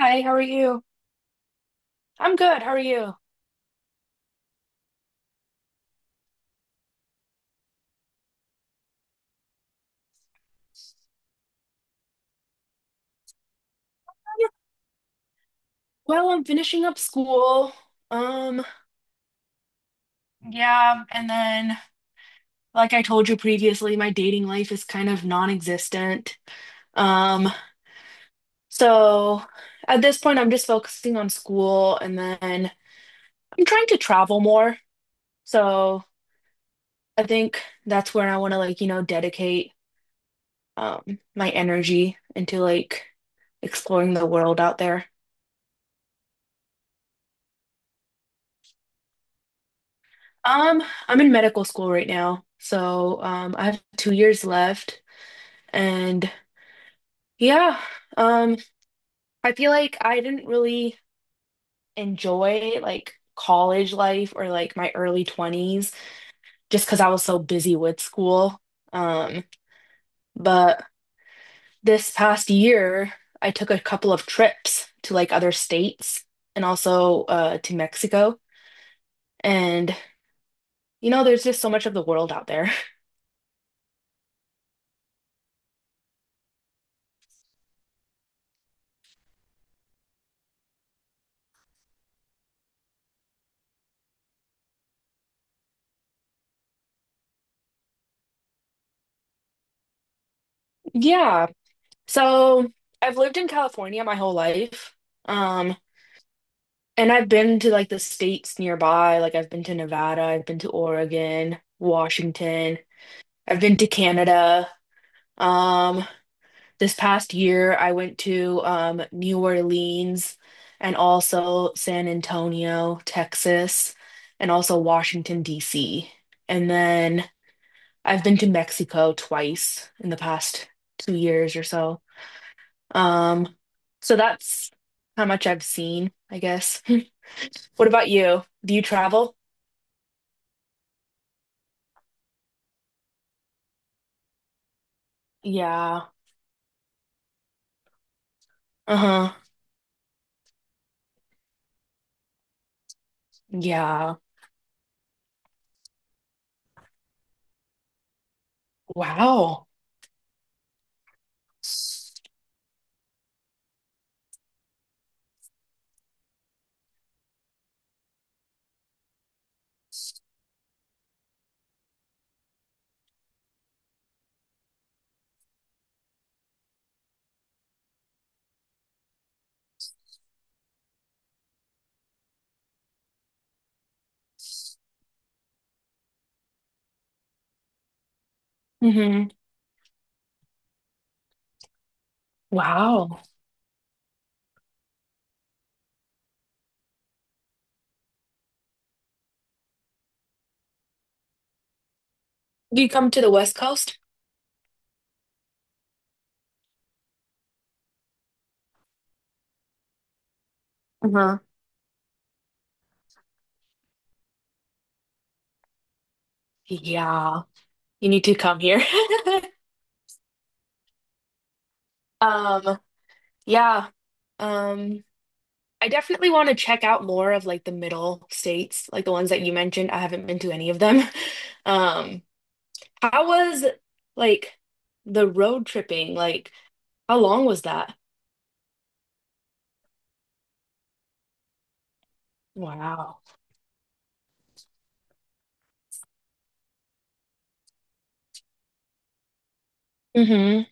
Hi, how are you? I'm good. How are you? Well, I'm finishing up school. Um, yeah, and then like I told you previously, my dating life is kind of non-existent. Um, so at this point I'm just focusing on school, and then I'm trying to travel more. So I think that's where I want to, like, dedicate my energy into, like, exploring the world out there. Um, I'm in medical school right now, so I have 2 years left, and yeah, um, I feel like I didn't really enjoy like college life or like my early 20s just because I was so busy with school. Um, but this past year, I took a couple of trips to like other states and also to Mexico, and there's just so much of the world out there. Yeah. So I've lived in California my whole life. Um, and I've been to like the states nearby. Like, I've been to Nevada, I've been to Oregon, Washington, I've been to Canada. Um, this past year I went to New Orleans and also San Antonio, Texas, and also Washington, D.C. And then I've been to Mexico twice in the past 2 years or so. Um, so that's how much I've seen, I guess. What about you? Do you travel? Yeah. Uh-huh. Yeah. Wow. Mm-hmm. Wow. Do you come to the West Coast? Uh-huh. Yeah. You need to come here. Um, yeah. Um, I definitely want to check out more of like the middle states, like the ones that you mentioned. I haven't been to any of them. Um, how was like the road tripping? Like, how long was that? Wow. Hmm.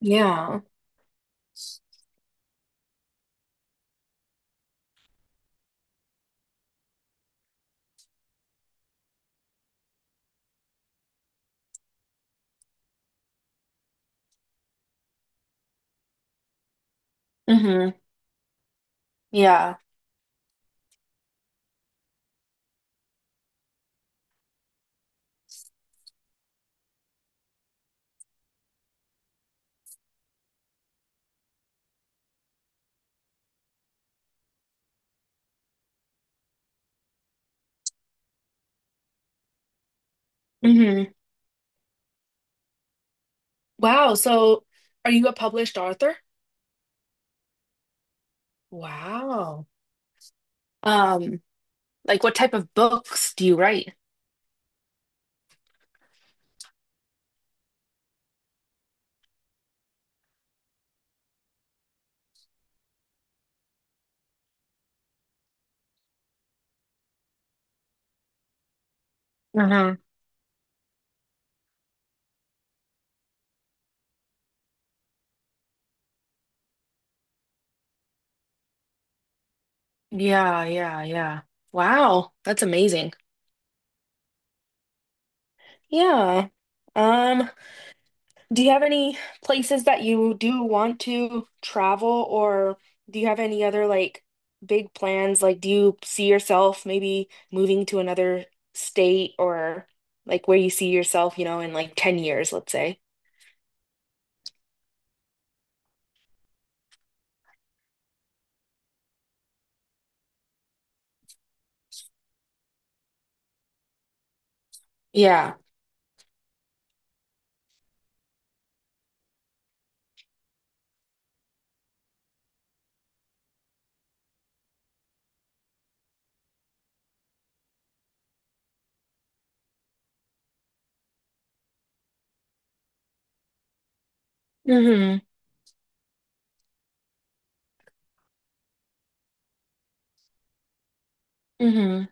Yeah. Hmm. Yeah. Hmm. Wow. So are you a published author? Wow. Um, like, what type of books do you write? Uh-huh. Yeah, yeah, yeah. Wow, that's amazing. Yeah. Um, Do you have any places that you do want to travel, or do you have any other like big plans? Like, do you see yourself maybe moving to another state, or like where you see yourself, you know, in like 10 years, let's say? Yeah. Hmm. Hmm.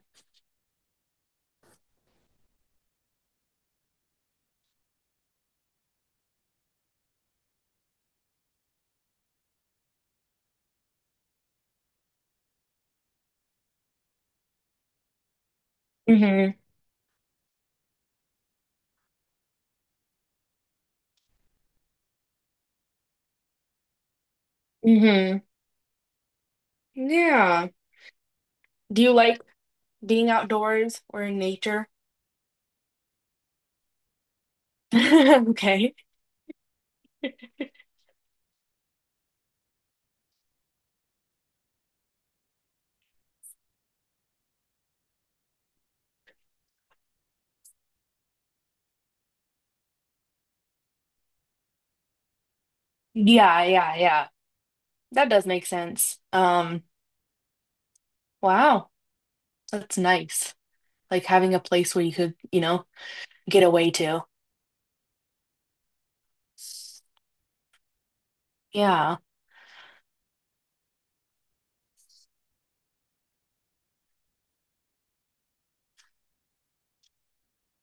Hmm. Hmm. Yeah. Do you like being outdoors or in nature? Okay. Yeah, yeah, yeah. That does make sense. Wow, that's nice. Like, having a place where you could, you know, get away to. Yeah.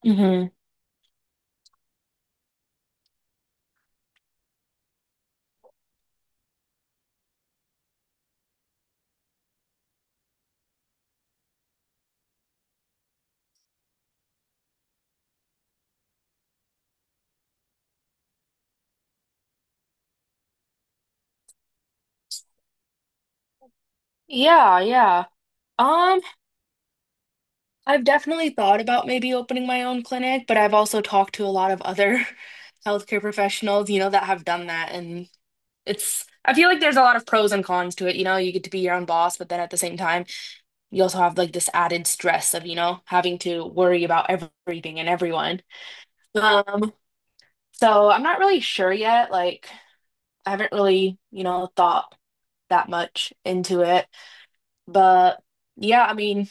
Hmm. Yeah, yeah. Um, I've definitely thought about maybe opening my own clinic, but I've also talked to a lot of other healthcare professionals, you know, that have done that. And it's, I feel like there's a lot of pros and cons to it. You know, you get to be your own boss, but then at the same time, you also have like this added stress of, you know, having to worry about everything and everyone. Um, so I'm not really sure yet. Like, I haven't really, you know, thought that much into it. But yeah, I mean,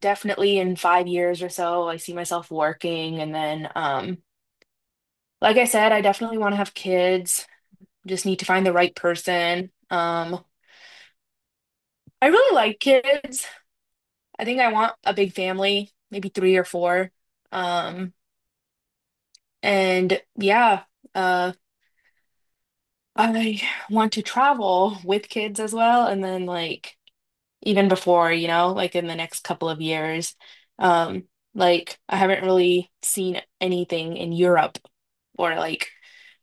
definitely in 5 years or so, I see myself working. And then, like I said, I definitely want to have kids. Just need to find the right person. I really like kids. I think I want a big family, maybe three or four. Um, and yeah, uh, I want to travel with kids as well. And then, like, even before, you know, like in the next couple of years. Um, like, I haven't really seen anything in Europe, or like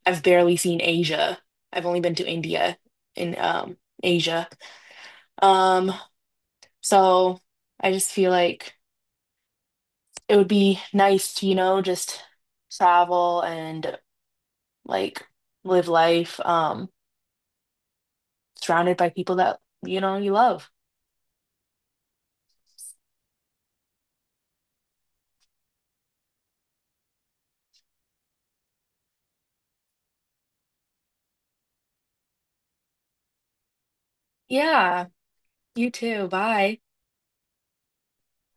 I've barely seen Asia. I've only been to India in Asia. Um, so I just feel like it would be nice to, you know, just travel and like live life surrounded by people that, you know, you love. Yeah, you too. Bye.